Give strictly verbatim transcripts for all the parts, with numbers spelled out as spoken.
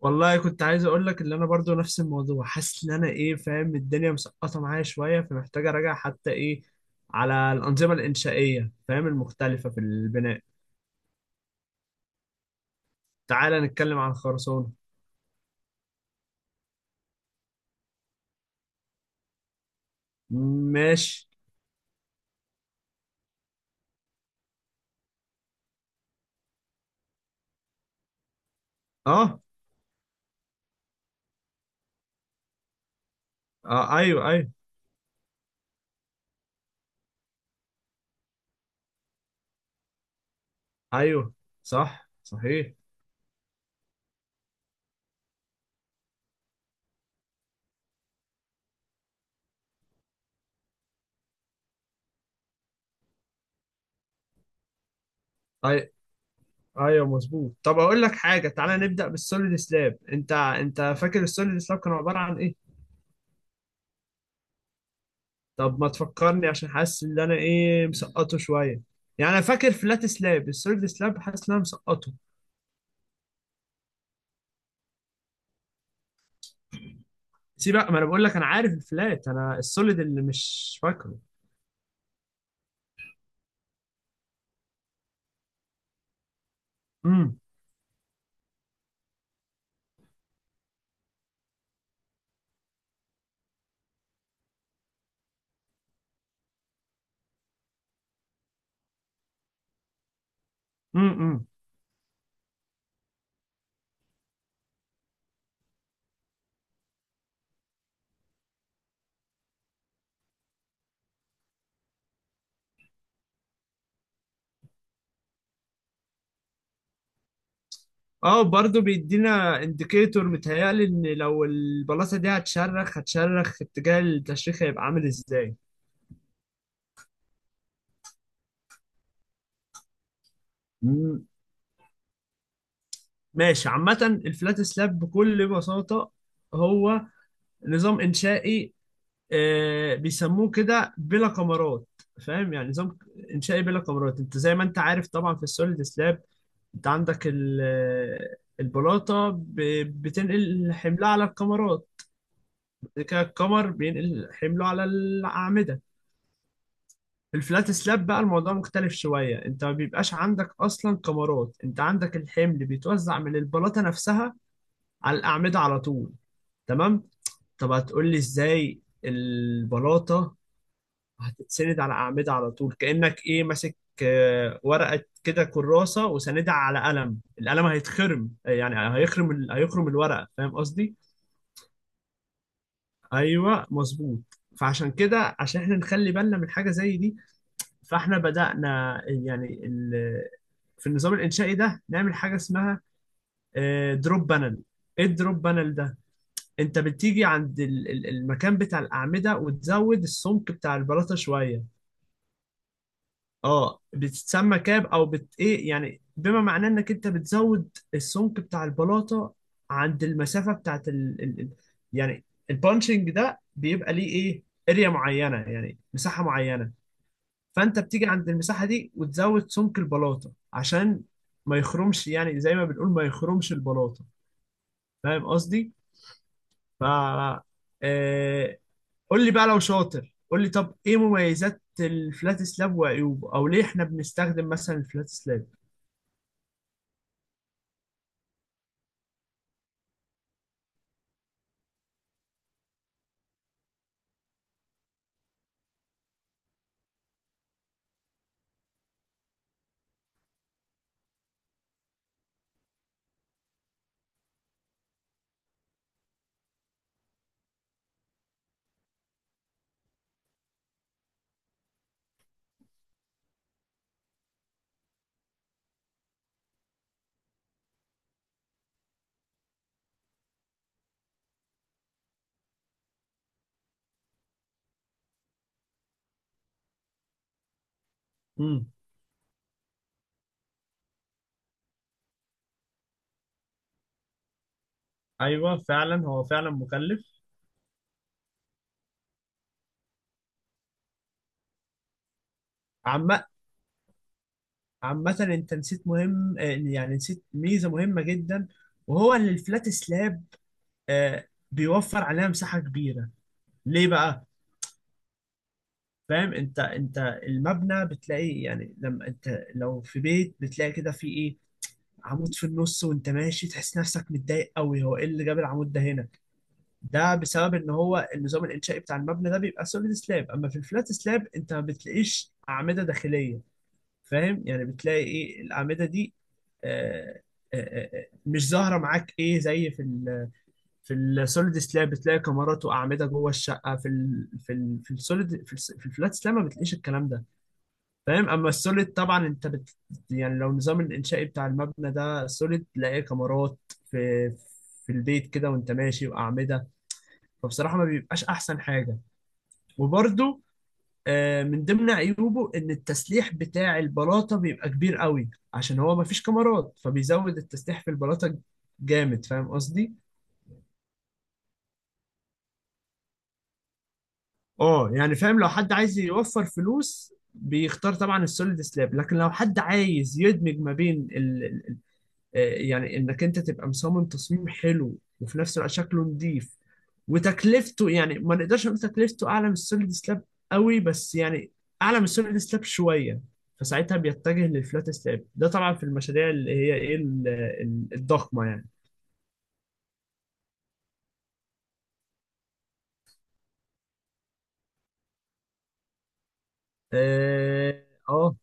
والله كنت عايز اقول لك ان انا برضو نفس الموضوع، حاسس ان انا ايه فاهم الدنيا مسقطه معايا شويه، فمحتاج اراجع حتى ايه على الانظمه الانشائيه، فاهم المختلفه في البناء. تعالى نتكلم عن خرسانه. ماشي. اه. آه ايوه ايوه ايوه. صح صحيح. أي. ايوه مظبوط. طب اقول لك حاجه، تعالى نبدا بالسوليد سلاب. انت انت فاكر السوليد سلاب كانوا عباره عن ايه؟ طب ما تفكرني عشان حاسس ان انا ايه مسقطه شويه. يعني انا فاكر فلات سلاب، السوليد سلاب حاسس ان انا مسقطه. سيب بقى، ما انا بقول لك انا عارف الفلات، انا السوليد اللي مش فاكره. امم. امم. اه برضه بيدينا انديكيتور، متهيألي ان لو البلاطه دي هتشرخ، هتشرخ اتجاه التشريخ هيبقى عامل ازاي. مم. ماشي. عامة الفلات سلاب بكل بساطة هو نظام إنشائي، آه، بيسموه كده بلا كمرات. فاهم؟ يعني نظام انشائي بلا كمرات. انت زي ما انت عارف طبعا في السوليد سلاب انت عندك ال- آه، البلاطه ب- بتنقل حملها على الكمرات، بعد كده الكمر بينقل حمله على الاعمده. في الفلات سلاب بقى الموضوع مختلف شويه، انت ما بيبقاش عندك اصلا كمرات، انت عندك الحمل بيتوزع من البلاطه نفسها على الاعمده على طول. تمام. طب هتقول لي ازاي البلاطه هتتسند على أعمدة على طول؟ كأنك إيه ماسك آه، ورقة كده، كراسة، وساندها على قلم، القلم هيتخرم، يعني هيخرم ال- هيخرم الورقة. فاهم قصدي؟ أيوه مظبوط. فعشان كده، عشان احنا نخلي بالنا من حاجة زي دي، فاحنا بدأنا يعني ال- في النظام الإنشائي ده نعمل حاجة اسمها دروب بانل. ايه الدروب بانل ده؟ انت بتيجي عند ال- ال- المكان بتاع الأعمدة وتزود السمك بتاع البلاطة شوية. اه بتتسمى كاب او بت ايه، يعني بما معناه انك انت بتزود السمك بتاع البلاطه عند المسافه بتاعت ال... ال... ال- يعني البانشنج ده بيبقى ليه ايه، اريا معينه يعني مساحه معينه، فانت بتيجي عند المساحه دي وتزود سمك البلاطه عشان ما يخرمش، يعني زي ما بنقول ما يخرمش البلاطه. فاهم قصدي؟ ف آه... قول لي بقى لو شاطر، قول لي طب ايه مميزات الفلات سلاب وعيوبه، او ليه احنا بنستخدم مثلا الفلات سلاب؟ امم. ايوه فعلا، هو فعلا مكلف. عم. عامة انت نسيت مهم، آه، يعني نسيت ميزة مهمة جدا، وهو ان الفلات سلاب آه، بيوفر عليها مساحة كبيرة. ليه بقى؟ فاهم؟ انت انت المبنى بتلاقي، يعني لما انت لو في بيت بتلاقي كده في ايه، عمود في النص وانت ماشي تحس نفسك متضايق قوي، هو ايه اللي جاب العمود ده هنا؟ ده بسبب ان هو النظام الانشائي بتاع المبنى ده بيبقى سوليد سلاب. اما في الفلات سلاب انت ما بتلاقيش اعمدة داخلية، فاهم؟ يعني بتلاقي ايه الاعمده دي آه، آه، آه، آه، مش ظاهره معاك، ايه زي في ال في السوليد سلاب بتلاقي كاميرات واعمده جوه الشقه في ال في ال في السوليد، في, الس- في الفلات سلاب ما بتلاقيش الكلام ده، فاهم؟ اما السوليد طبعا انت بت، يعني لو النظام الانشائي بتاع المبنى ده السوليد تلاقيه كاميرات في في البيت كده وانت ماشي واعمده، فبصراحه ما بيبقاش احسن حاجه. وبرده آه، من ضمن عيوبه ان التسليح بتاع البلاطه بيبقى كبير قوي، عشان هو مفيش كاميرات فبيزود التسليح في البلاطه جامد. فاهم قصدي؟ اه يعني فاهم، لو حد عايز يوفر فلوس بيختار طبعا السوليد سلاب، لكن لو حد عايز يدمج ما بين آه، يعني انك انت تبقى مصمم تصميم حلو وفي نفس الوقت شكله نظيف، وتكلفته يعني ما نقدرش نقول تكلفته اعلى من السوليد سلاب قوي، بس يعني اعلى من السوليد سلاب شويه، فساعتها بيتجه للفلات سلاب. ده طبعا في المشاريع اللي هي ايه ال- ال- الضخمه يعني. اه. آه،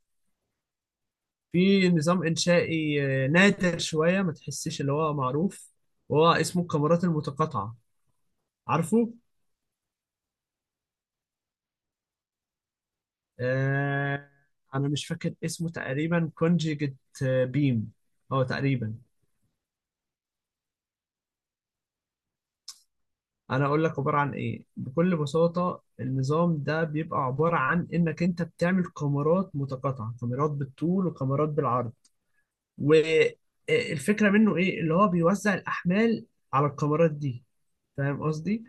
في نظام انشائي آه، نادر شويه، ما تحسش اللي هو معروف، وهو اسمه الكاميرات المتقاطعه. عارفه؟ آه انا مش فاكر اسمه، تقريبا كونجيجت بيم، اه تقريبا. انا اقول لك عباره عن ايه بكل بساطه. النظام ده بيبقى عباره عن انك انت بتعمل كاميرات متقاطعه، كاميرات بالطول وكاميرات بالعرض. والفكره منه ايه؟ اللي هو بيوزع الاحمال على الكاميرات دي، فاهم قصدي؟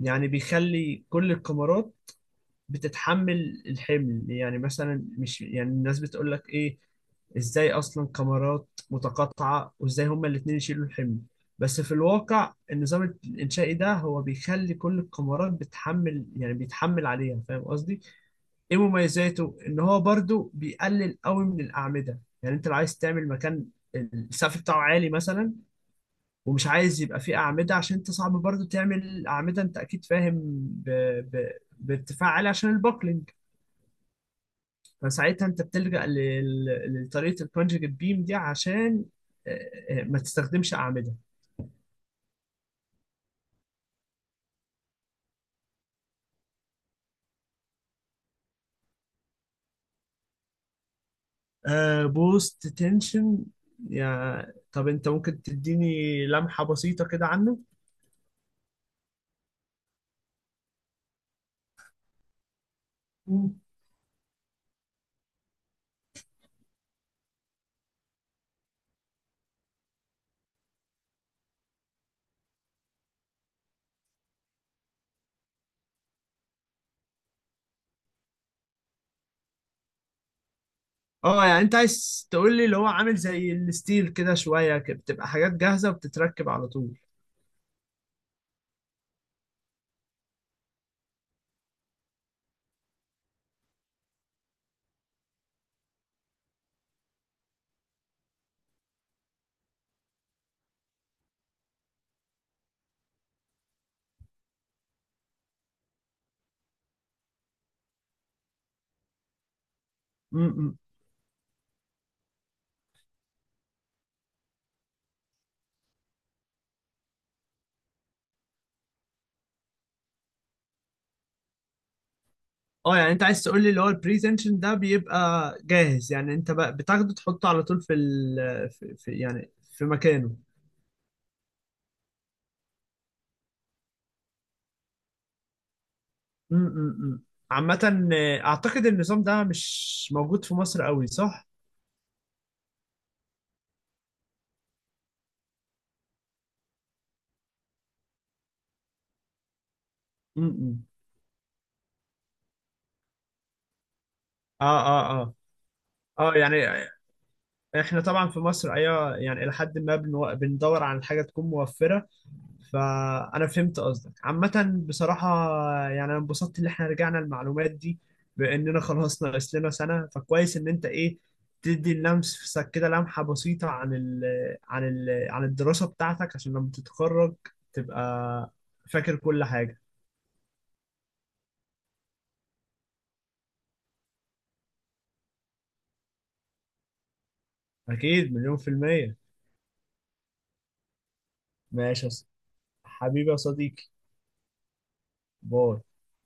يعني بيخلي كل الكاميرات بتتحمل الحمل. يعني مثلا مش يعني الناس بتقول لك ايه، ازاي اصلا كاميرات متقاطعة وازاي هما الاتنين يشيلوا الحمل، بس في الواقع النظام الانشائي ده هو بيخلي كل الكاميرات بتحمل، يعني بيتحمل عليها. فاهم قصدي؟ ايه مميزاته؟ ان هو برضو بيقلل قوي من الاعمدة. يعني انت لو عايز تعمل مكان السقف بتاعه عالي مثلا، ومش عايز يبقى فيه أعمدة، عشان انت صعب برضو تعمل أعمدة انت اكيد فاهم ب... ب... بارتفاع عالي عشان البوكلينج، فساعتها انت بتلجأ لل- لطريقة الكونجكت بيم دي عشان آه، آه، ما تستخدمش أعمدة. بوست تنشن. يا طب انت ممكن تديني لمحة بسيطة كده عنه؟ مم. اه يعني انت عايز تقول لي اللي هو عامل زي الستيل كده شوية ك- بتبقى حاجات جاهزة وبتتركب على طول. مم. اه يعني انت عايز تقول لي اللي هو البري تنشن ده بيبقى جاهز، يعني انت بقى بتاخده تحطه على طول في ال في في- يعني في مكانه. م- م- م. عامة آه، أعتقد النظام ده مش موجود في مصر قوي، صح؟ م- م. اه اه. اه اه يعني احنا طبعا في مصر ايوه، يعني الى حد ما بنو... بندور على حاجه تكون موفره. فانا فهمت قصدك عامه بصراحه. يعني انا انبسطت ان احنا رجعنا المعلومات دي، باننا خلاص ناقص لنا سنه، فكويس ان انت ايه تدي اللمس كده لمحه بسيطه عن ال... عن ال... عن الدراسه بتاعتك، عشان لما تتخرج تبقى فاكر كل حاجه. أكيد، مليون في المية. ماشي يا ص- حبيبي يا صديقي. باي.